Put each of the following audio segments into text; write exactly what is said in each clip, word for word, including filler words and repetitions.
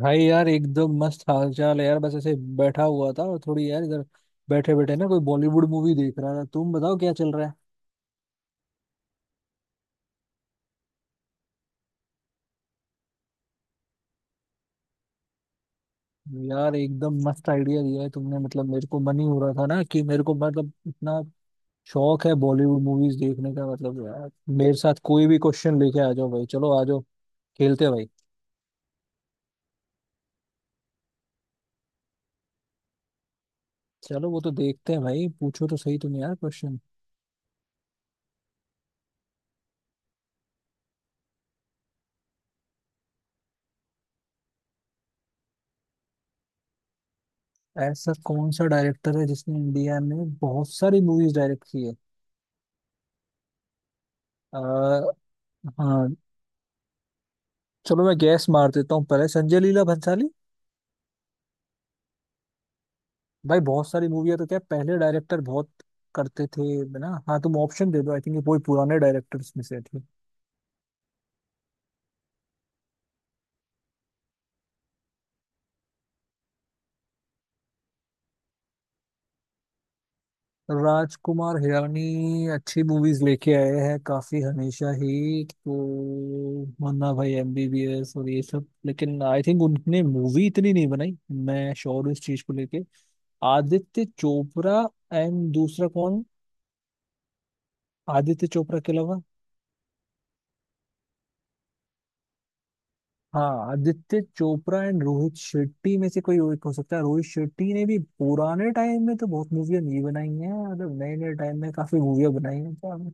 भाई यार, एकदम मस्त हाल चाल है यार। बस ऐसे बैठा हुआ था और थोड़ी यार इधर बैठे बैठे ना, कोई बॉलीवुड मूवी देख रहा था। तुम बताओ क्या चल रहा है। यार एकदम मस्त आइडिया दिया है तुमने। मतलब मेरे को मन ही हो रहा था ना कि मेरे को, मतलब इतना शौक है बॉलीवुड मूवीज देखने का, मतलब यार। मेरे साथ कोई भी क्वेश्चन लेके आ जाओ भाई। चलो आ जाओ, खेलते हैं भाई। चलो वो तो देखते हैं भाई, पूछो तो सही तुम यार क्वेश्चन। ऐसा कौन सा डायरेक्टर है जिसने इंडिया में बहुत सारी मूवीज डायरेक्ट की है? अ, हाँ। चलो मैं गैस मार देता हूँ, पहले संजय लीला भंसाली। भाई बहुत सारी मूवी है तो क्या पहले डायरेक्टर बहुत करते थे ना? हाँ तुम ऑप्शन दे दो, आई थिंक ये बहुत पुराने डायरेक्टर्स में से थे। राजकुमार हिरानी अच्छी मूवीज लेके आए हैं काफी, हमेशा ही तो। मन्ना भाई एमबीबीएस और ये सब, लेकिन आई थिंक उनने मूवी इतनी नहीं बनाई। मैं श्योर हूँ इस चीज को लेके। आदित्य चोपड़ा एंड दूसरा कौन? आदित्य चोपड़ा के अलावा। हाँ, आदित्य चोपड़ा एंड रोहित शेट्टी में से कोई एक हो सकता है। रोहित शेट्टी ने भी पुराने टाइम में तो बहुत मूवियाँ नहीं बनाई हैं, मतलब नए नए टाइम में काफी मूवियाँ बनाई हैं, तो हम-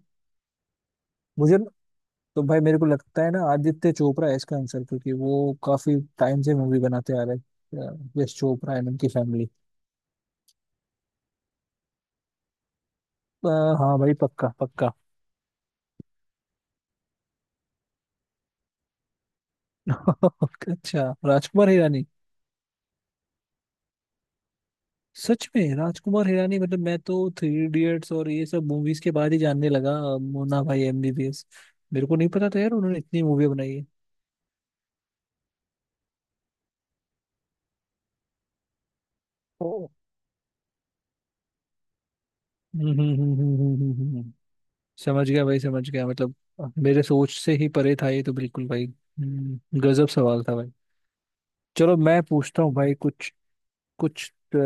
मुझे न- तो भाई मेरे को लगता है ना आदित्य चोपड़ा है इसका आंसर, क्योंकि वो काफी टाइम से मूवी बनाते आ रहे हैं, यश चोपड़ा एंड उनकी फैमिली। हाँ भाई, पक्का पक्का। अच्छा, राजकुमार हिरानी। सच में राजकुमार हिरानी, मतलब मैं तो थ्री इडियट्स और ये सब मूवीज के बाद ही जानने लगा। अ, मोना भाई एमबीबीएस, मेरे को नहीं पता था यार उन्होंने इतनी मूवी बनाई है। ओ। हम्म, हम्म, हम्म, हम्म, हम्म, हम्म, हम्म। समझ गया भाई, समझ गया, मतलब मेरे सोच से ही परे था ये तो बिल्कुल भाई। हम्म, गजब सवाल था भाई। चलो मैं पूछता हूँ भाई कुछ। कुछ अ,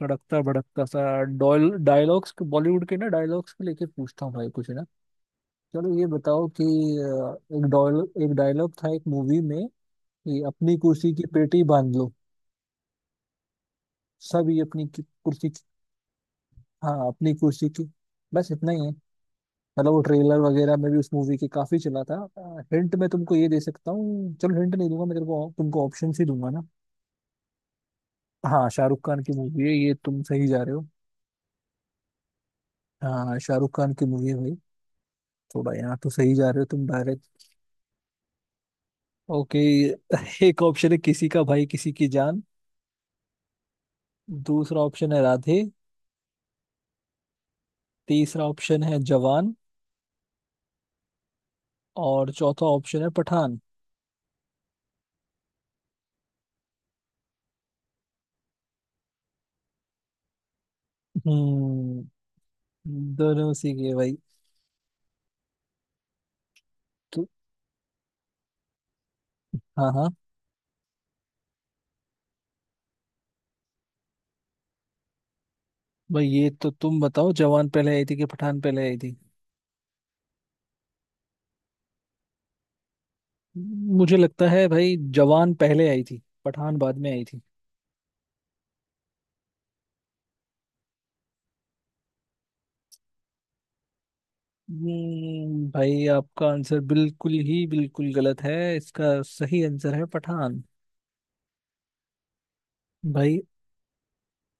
तड़कता भड़कता सा डॉल डायलॉग्स बॉलीवुड के ना, डायलॉग्स के लेके पूछता हूँ भाई कुछ ना। चलो ये बताओ कि अ, एक डॉल एक डायलॉग था एक मूवी में कि अपनी कुर्सी की पेटी बांध लो। सब ये अपनी की- कुर्सी की। हाँ अपनी कुर्सी की, बस इतना ही है। मतलब वो ट्रेलर वगैरह में भी उस मूवी के काफी चला था। हिंट मैं तुमको ये दे सकता हूँ। चलो हिंट नहीं दूंगा मैं तेरे को तुमको ऑप्शन ही दूंगा ना। हाँ, शाहरुख खान की मूवी है ये, तुम सही जा रहे हो। हाँ शाहरुख खान की मूवी है भाई। थोड़ा यहाँ तो सही जा रहे हो तुम डायरेक्ट। ओके। एक ऑप्शन है किसी का भाई किसी की जान। दूसरा ऑप्शन है राधे। तीसरा ऑप्शन है जवान। और चौथा ऑप्शन है पठान। हम्म। दोनों उसी की है भाई। तो हाँ हाँ, भाई ये तो तुम बताओ जवान पहले आई थी कि पठान पहले आई थी? मुझे लगता है भाई जवान पहले आई थी, पठान बाद में आई थी। हम्म, भाई आपका आंसर बिल्कुल ही बिल्कुल गलत है। इसका सही आंसर है पठान। भाई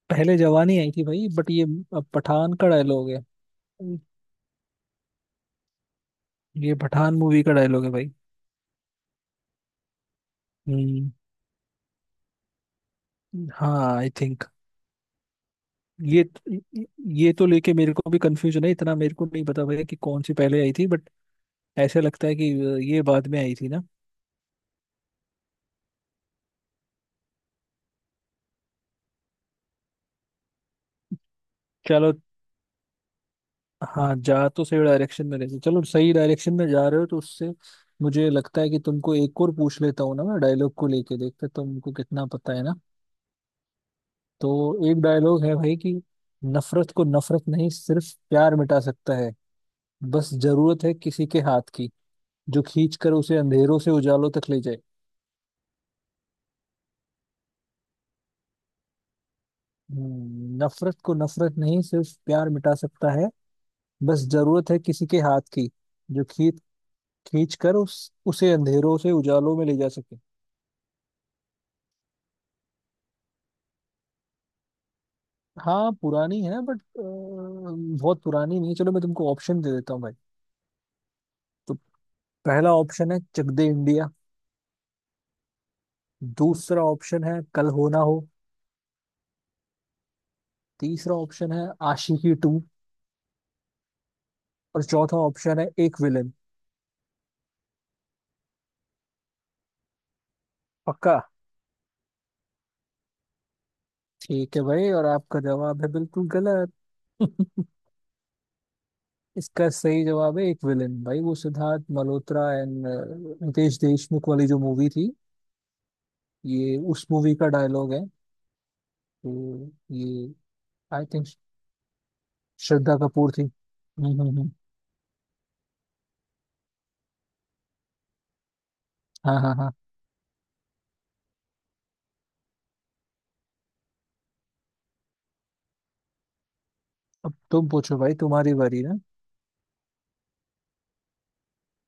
पहले जवानी आई थी भाई, बट ये अब पठान का डायलॉग है। ये पठान मूवी का डायलॉग है भाई। हम्म, हाँ आई थिंक ये ये तो लेके मेरे को भी कंफ्यूजन है, इतना मेरे को नहीं पता भाई कि कौन सी पहले आई थी, बट ऐसे लगता है कि ये बाद में आई थी ना। चलो। हाँ जा तो सही डायरेक्शन में रहे थे। चलो सही डायरेक्शन में जा रहे हो, तो उससे मुझे लगता है कि तुमको एक और पूछ लेता हूँ ना मैं, डायलॉग को लेके देखते तुमको कितना पता है ना। तो एक डायलॉग है भाई कि नफरत को नफरत नहीं सिर्फ प्यार मिटा सकता है, बस जरूरत है किसी के हाथ की, जो खींच कर उसे अंधेरों से उजालों तक ले जाए। हम्म, नफरत को नफरत नहीं सिर्फ प्यार मिटा सकता है, बस जरूरत है किसी के हाथ की, जो खींच खींच कर उस उसे अंधेरों से उजालों में ले जा सके। हाँ पुरानी है बट बहुत पुरानी नहीं है। चलो मैं तुमको ऑप्शन दे देता हूँ भाई। तो पहला ऑप्शन है चक दे इंडिया। दूसरा ऑप्शन है कल हो ना हो। तीसरा ऑप्शन है आशिकी टू। और चौथा ऑप्शन है एक विलन। पक्का? ठीक है भाई, और आपका जवाब है बिल्कुल गलत। इसका सही जवाब है एक विलन भाई, वो सिद्धार्थ मल्होत्रा एंड नितेश देशमुख वाली जो मूवी थी, ये उस मूवी का डायलॉग है। तो ये, आई थिंक, श्रद्धा कपूर थी। हम्म, हम्म, हम्म। हाँ, हाँ, हाँ। अब तुम पूछो भाई, तुम्हारी बारी ना।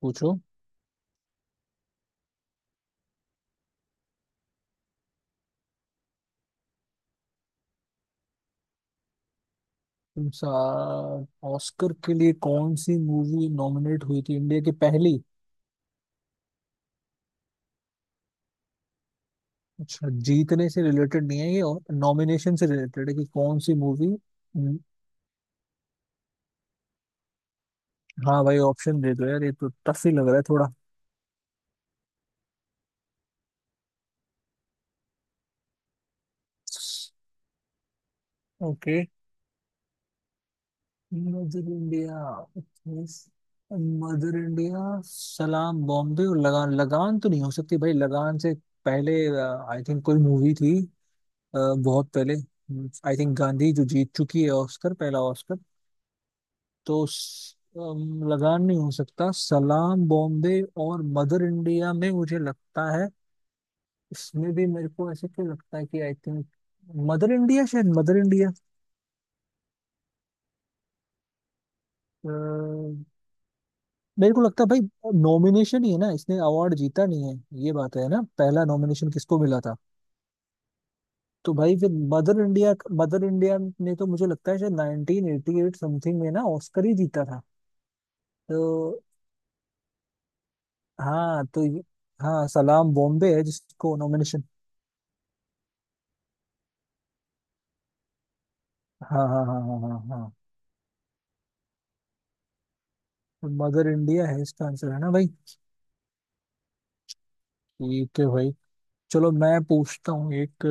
पूछो। तुम सा ऑस्कर के लिए कौन सी मूवी नॉमिनेट हुई थी, इंडिया की पहली? अच्छा, जीतने से रिलेटेड नहीं है ये और नॉमिनेशन से रिलेटेड है कि कौन सी मूवी? हाँ भाई ऑप्शन दे दो यार, ये तो टफ ही लग रहा है थोड़ा। Okay. Mother India, Mother India, Salaam Bombay और लगान। लगान तो नहीं हो सकती भाई, लगान से पहले आई थिंक कोई मूवी थी अ, बहुत पहले। आई थिंक गांधी जो जीत चुकी है ऑस्कर, पहला ऑस्कर। तो स- अम, लगान नहीं हो सकता, सलाम बॉम्बे और मदर इंडिया में मुझे लगता है, इसमें भी मेरे को ऐसे क्यों लगता है कि आई थिंक मदर इंडिया, शायद मदर इंडिया। मेरे को लगता है भाई नॉमिनेशन ही है ना, इसने अवार्ड जीता नहीं है, ये बात है ना? पहला नॉमिनेशन किसको मिला था? तो भाई फिर मदर इंडिया। मदर इंडिया ने तो मुझे लगता है शायद उन्नीस सौ अठासी समथिंग में ना ऑस्कर ही जीता था। तो हाँ तो ये- हाँ सलाम बॉम्बे है जिसको नॉमिनेशन। हाँ, हाँ, हाँ, हाँ, हाँ, हाँ। मदर इंडिया है इसका आंसर है ना भाई? ठीक है भाई। चलो मैं पूछता हूँ एक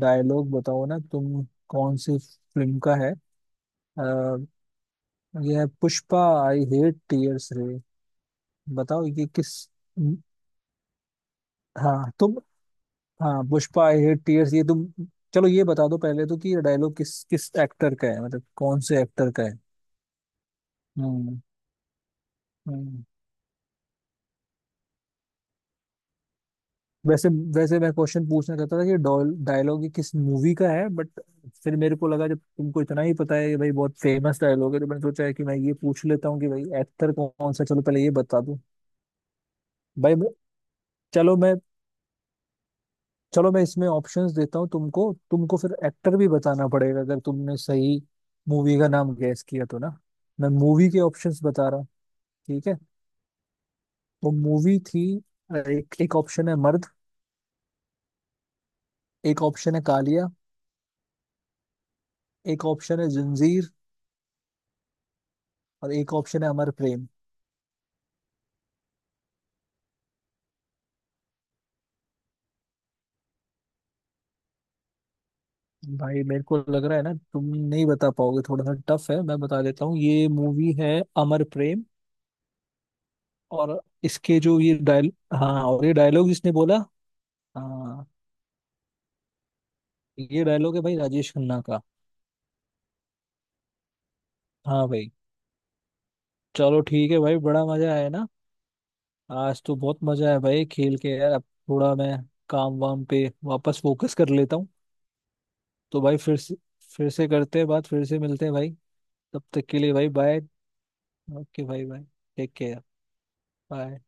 डायलॉग, बताओ ना तुम कौन सी फिल्म का है। अ, ये है पुष्पा, आई हेट टीयर्स रे। बताओ ये किस। हाँ तुम। हाँ पुष्पा, आई हेट टीयर्स, ये तुम। चलो ये बता दो पहले तो कि ये डायलॉग किस किस एक्टर का है, मतलब कौन से एक्टर का है। हम्म, हम्म। वैसे वैसे मैं क्वेश्चन पूछना चाहता था कि डायलॉग ये किस मूवी का है, बट फिर मेरे को लगा जब तुमको इतना ही पता है कि भाई बहुत फेमस डायलॉग है, तो मैंने सोचा है कि मैं ये पूछ लेता हूँ कि भाई एक्टर कौन सा है। चलो पहले ये बता दो। भाई मैं- चलो मैं चलो मैं इसमें ऑप्शंस देता हूँ तुमको, तुमको फिर एक्टर भी बताना पड़ेगा अगर तुमने सही मूवी का नाम गैस किया तो ना। मैं मूवी के ऑप्शंस बता रहा हूँ। ठीक है। वो मूवी थी, एक एक ऑप्शन है मर्द। एक ऑप्शन है कालिया। एक ऑप्शन है जंजीर। और एक ऑप्शन है अमर प्रेम। भाई मेरे को लग रहा है ना तुम नहीं बता पाओगे, थोड़ा सा टफ है। मैं बता देता हूँ ये मूवी है अमर प्रेम। और इसके जो ये डायल हाँ, और ये डायलॉग जिसने बोला, हाँ, ये डायलॉग है भाई राजेश खन्ना का। हाँ भाई। चलो ठीक है भाई, बड़ा मजा आया ना। आज तो बहुत मजा आया भाई खेल के यार। अब थोड़ा मैं काम वाम पे वापस फोकस कर लेता हूँ। तो भाई फिर से फिर से करते हैं बात, फिर से मिलते हैं भाई। तब तक के लिए भाई बाय। ओके भाई बाय। Take care. बाय।